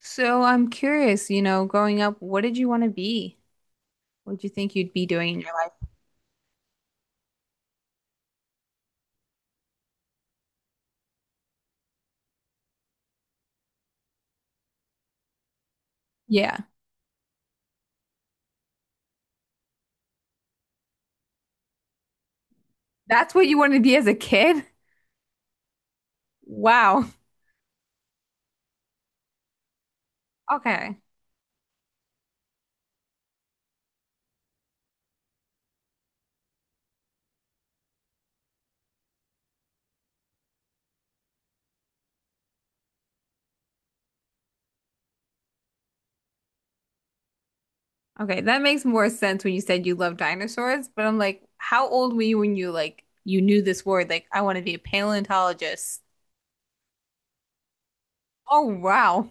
So I'm curious, you know, growing up, what did you want to be? What did you think you'd be doing in your life? Yeah. That's what you wanted to be as a kid? Wow. Okay. Okay, that makes more sense when you said you love dinosaurs, but I'm like, how old were you when you like you knew this word? Like, I want to be a paleontologist. Oh, wow.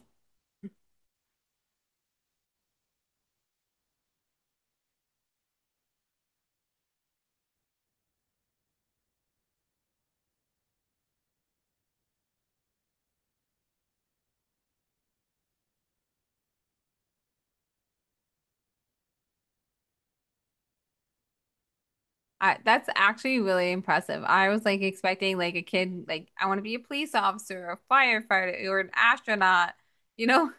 That's actually really impressive. I was like expecting like a kid like I want to be a police officer, a firefighter, or an astronaut. You know,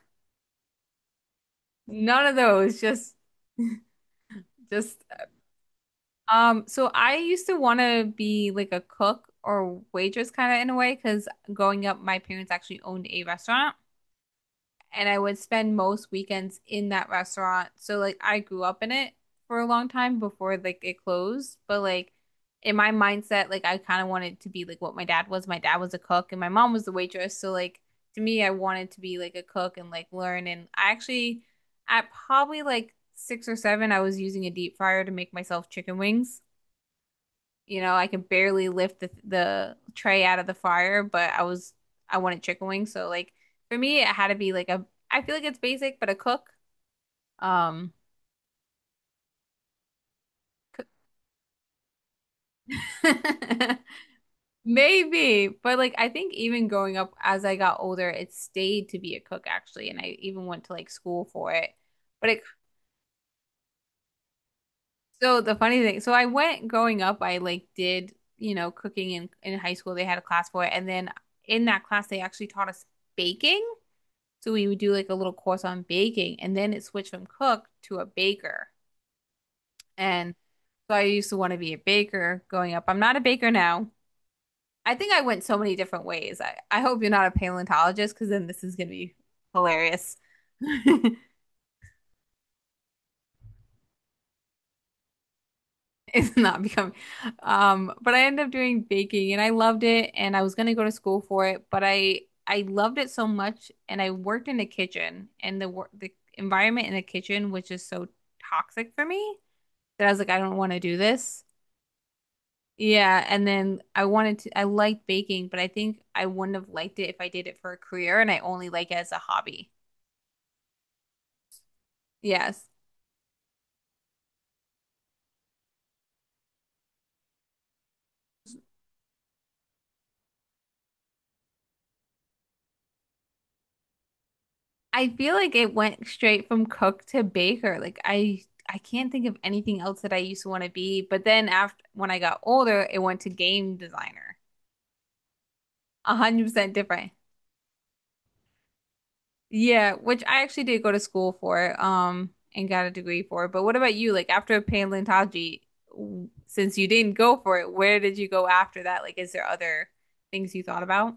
none of those. Just so I used to want to be like a cook or waitress kind of in a way because growing up, my parents actually owned a restaurant and I would spend most weekends in that restaurant. So like I grew up in it for a long time before like it closed. But like in my mindset, like I kind of wanted to be like what my dad was. My dad was a cook and my mom was the waitress. So like to me, I wanted to be like a cook and like learn. And I actually at probably like 6 or 7, I was using a deep fryer to make myself chicken wings. I could barely lift the tray out of the fire, but I wanted chicken wings, so like for me it had to be like a I feel like it's basic, but a cook. Um Maybe, but like I think even going up as I got older, it stayed to be a cook actually, and I even went to like school for it. But it so the funny thing, so I went growing up, I like did, cooking in high school, they had a class for it, and then in that class they actually taught us baking. So we would do like a little course on baking, and then it switched from cook to a baker. And so I used to want to be a baker going up. I'm not a baker now. I think I went so many different ways. I hope you're not a paleontologist because then this is going to be hilarious. It's not becoming. But I ended up doing baking and I loved it and I was going to go to school for it, but I loved it so much and I worked in the kitchen and the environment in the kitchen was just so toxic for me that I was like, I don't want to do this. Yeah, and then I liked baking, but I think I wouldn't have liked it if I did it for a career and I only like it as a hobby. Yes. I feel like it went straight from cook to baker. Like I can't think of anything else that I used to want to be, but then after when I got older, it went to game designer. 100% different. Yeah, which I actually did go to school for, and got a degree for. But what about you? Like after paleontology, since you didn't go for it, where did you go after that? Like, is there other things you thought about?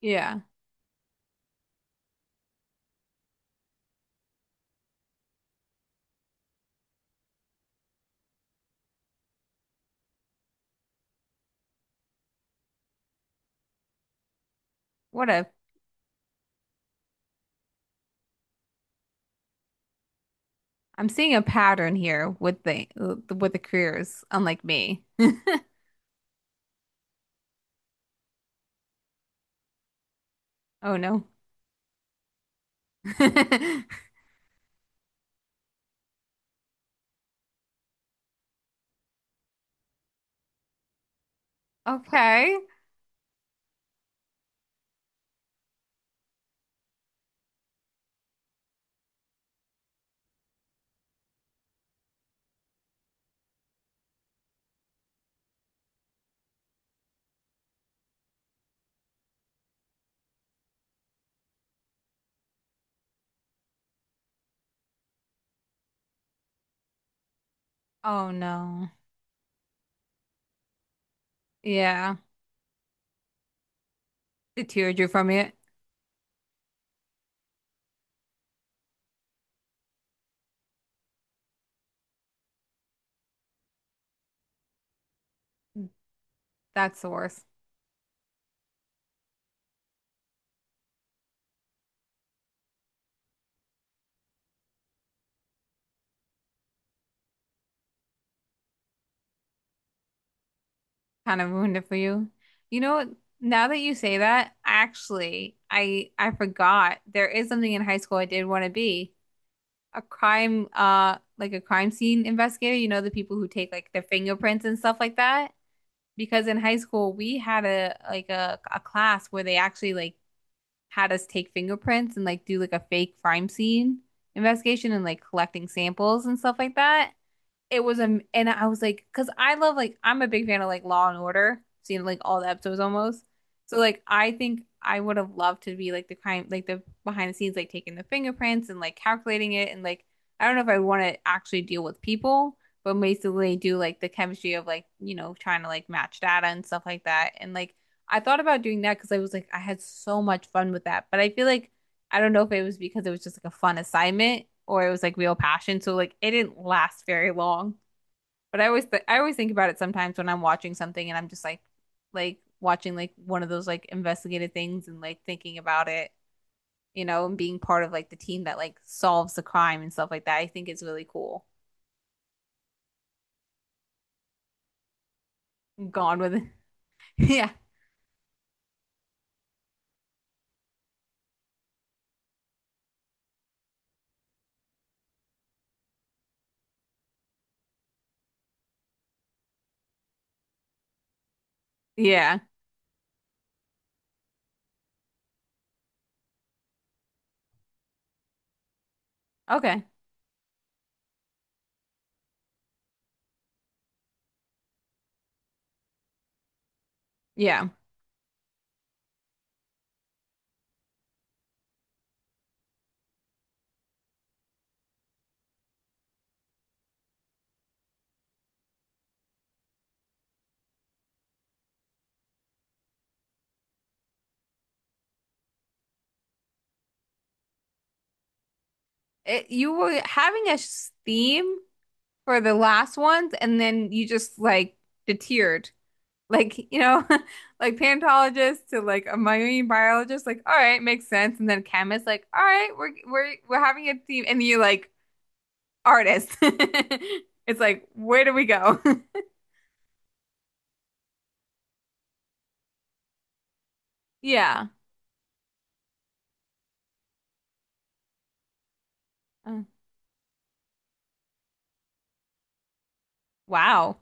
Yeah. What a, I'm seeing a pattern here with the careers, unlike me. Oh no. Okay. Oh no. Yeah. The tearjerker from it. That's the worst. Kind of ruined it for you. You know what? Now that you say that, actually, I forgot there is something in high school I did want to be. A crime scene investigator, the people who take like their fingerprints and stuff like that. Because in high school we had a class where they actually like had us take fingerprints and like do like a fake crime scene investigation and like collecting samples and stuff like that. It was a and I was like, because I love like I'm a big fan of like Law and Order, seeing like all the episodes almost. So like I think I would have loved to be like the crime, like the behind the scenes, like taking the fingerprints and like calculating it, and like I don't know if I want to actually deal with people, but basically do like the chemistry of like trying to like match data and stuff like that, and like. I thought about doing that because I was like, I had so much fun with that. But I feel like I don't know if it was because it was just like a fun assignment or it was like real passion. So like it didn't last very long. But I always th I always think about it sometimes when I'm watching something and I'm just like watching like one of those like investigative things and like thinking about it, and being part of like the team that like solves the crime and stuff like that. I think it's really cool. Gone with it. Yeah. Yeah. Okay. Yeah. You were having a theme for the last ones and then you just like deterred. Like, you know. Like paleontologist to like a marine biologist, like, all right, makes sense, and then chemist like, all right, we're having a team, and you like artist. It's like, where do we go? Yeah. Uh, wow.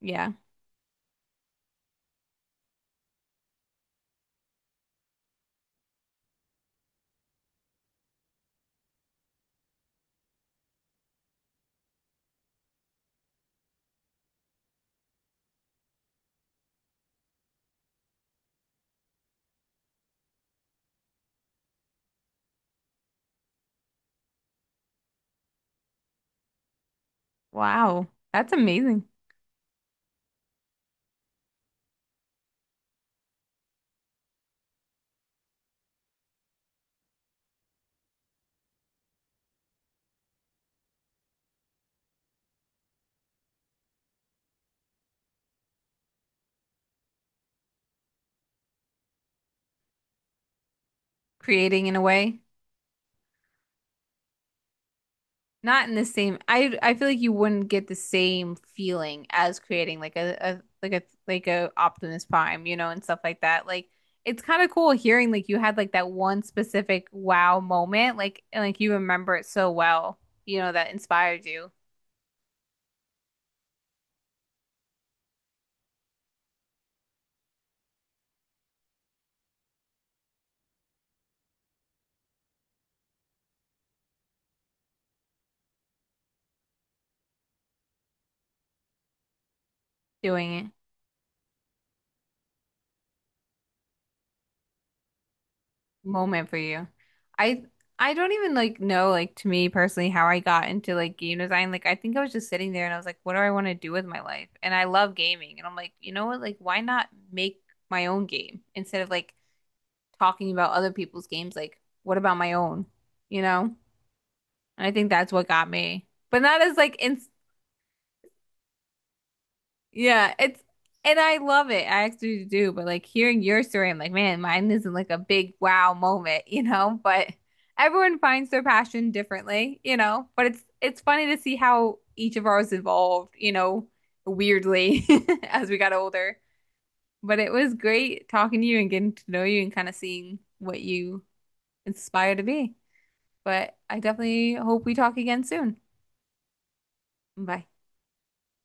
Yeah. Wow, that's amazing. Creating in a way. Not in the same. I feel like you wouldn't get the same feeling as creating like a Optimus Prime, you know, and stuff like that. Like it's kind of cool hearing like you had like that one specific wow moment, like and like you remember it so well, you know, that inspired you doing it. Moment for you. I I don't even like know like to me personally how I got into like game design. Like I think I was just sitting there and I was like, what do I want to do with my life? And I love gaming. And I'm like, you know what? Like why not make my own game instead of like talking about other people's games? Like what about my own? You know? And I think that's what got me. But not as like in. Yeah, it's and I love it. I actually do, but like hearing your story, I'm like, man, mine isn't like a big wow moment, you know, but everyone finds their passion differently, you know, but it's funny to see how each of ours evolved, you know, weirdly as we got older. But it was great talking to you and getting to know you and kind of seeing what you inspire to be. But I definitely hope we talk again soon. Bye.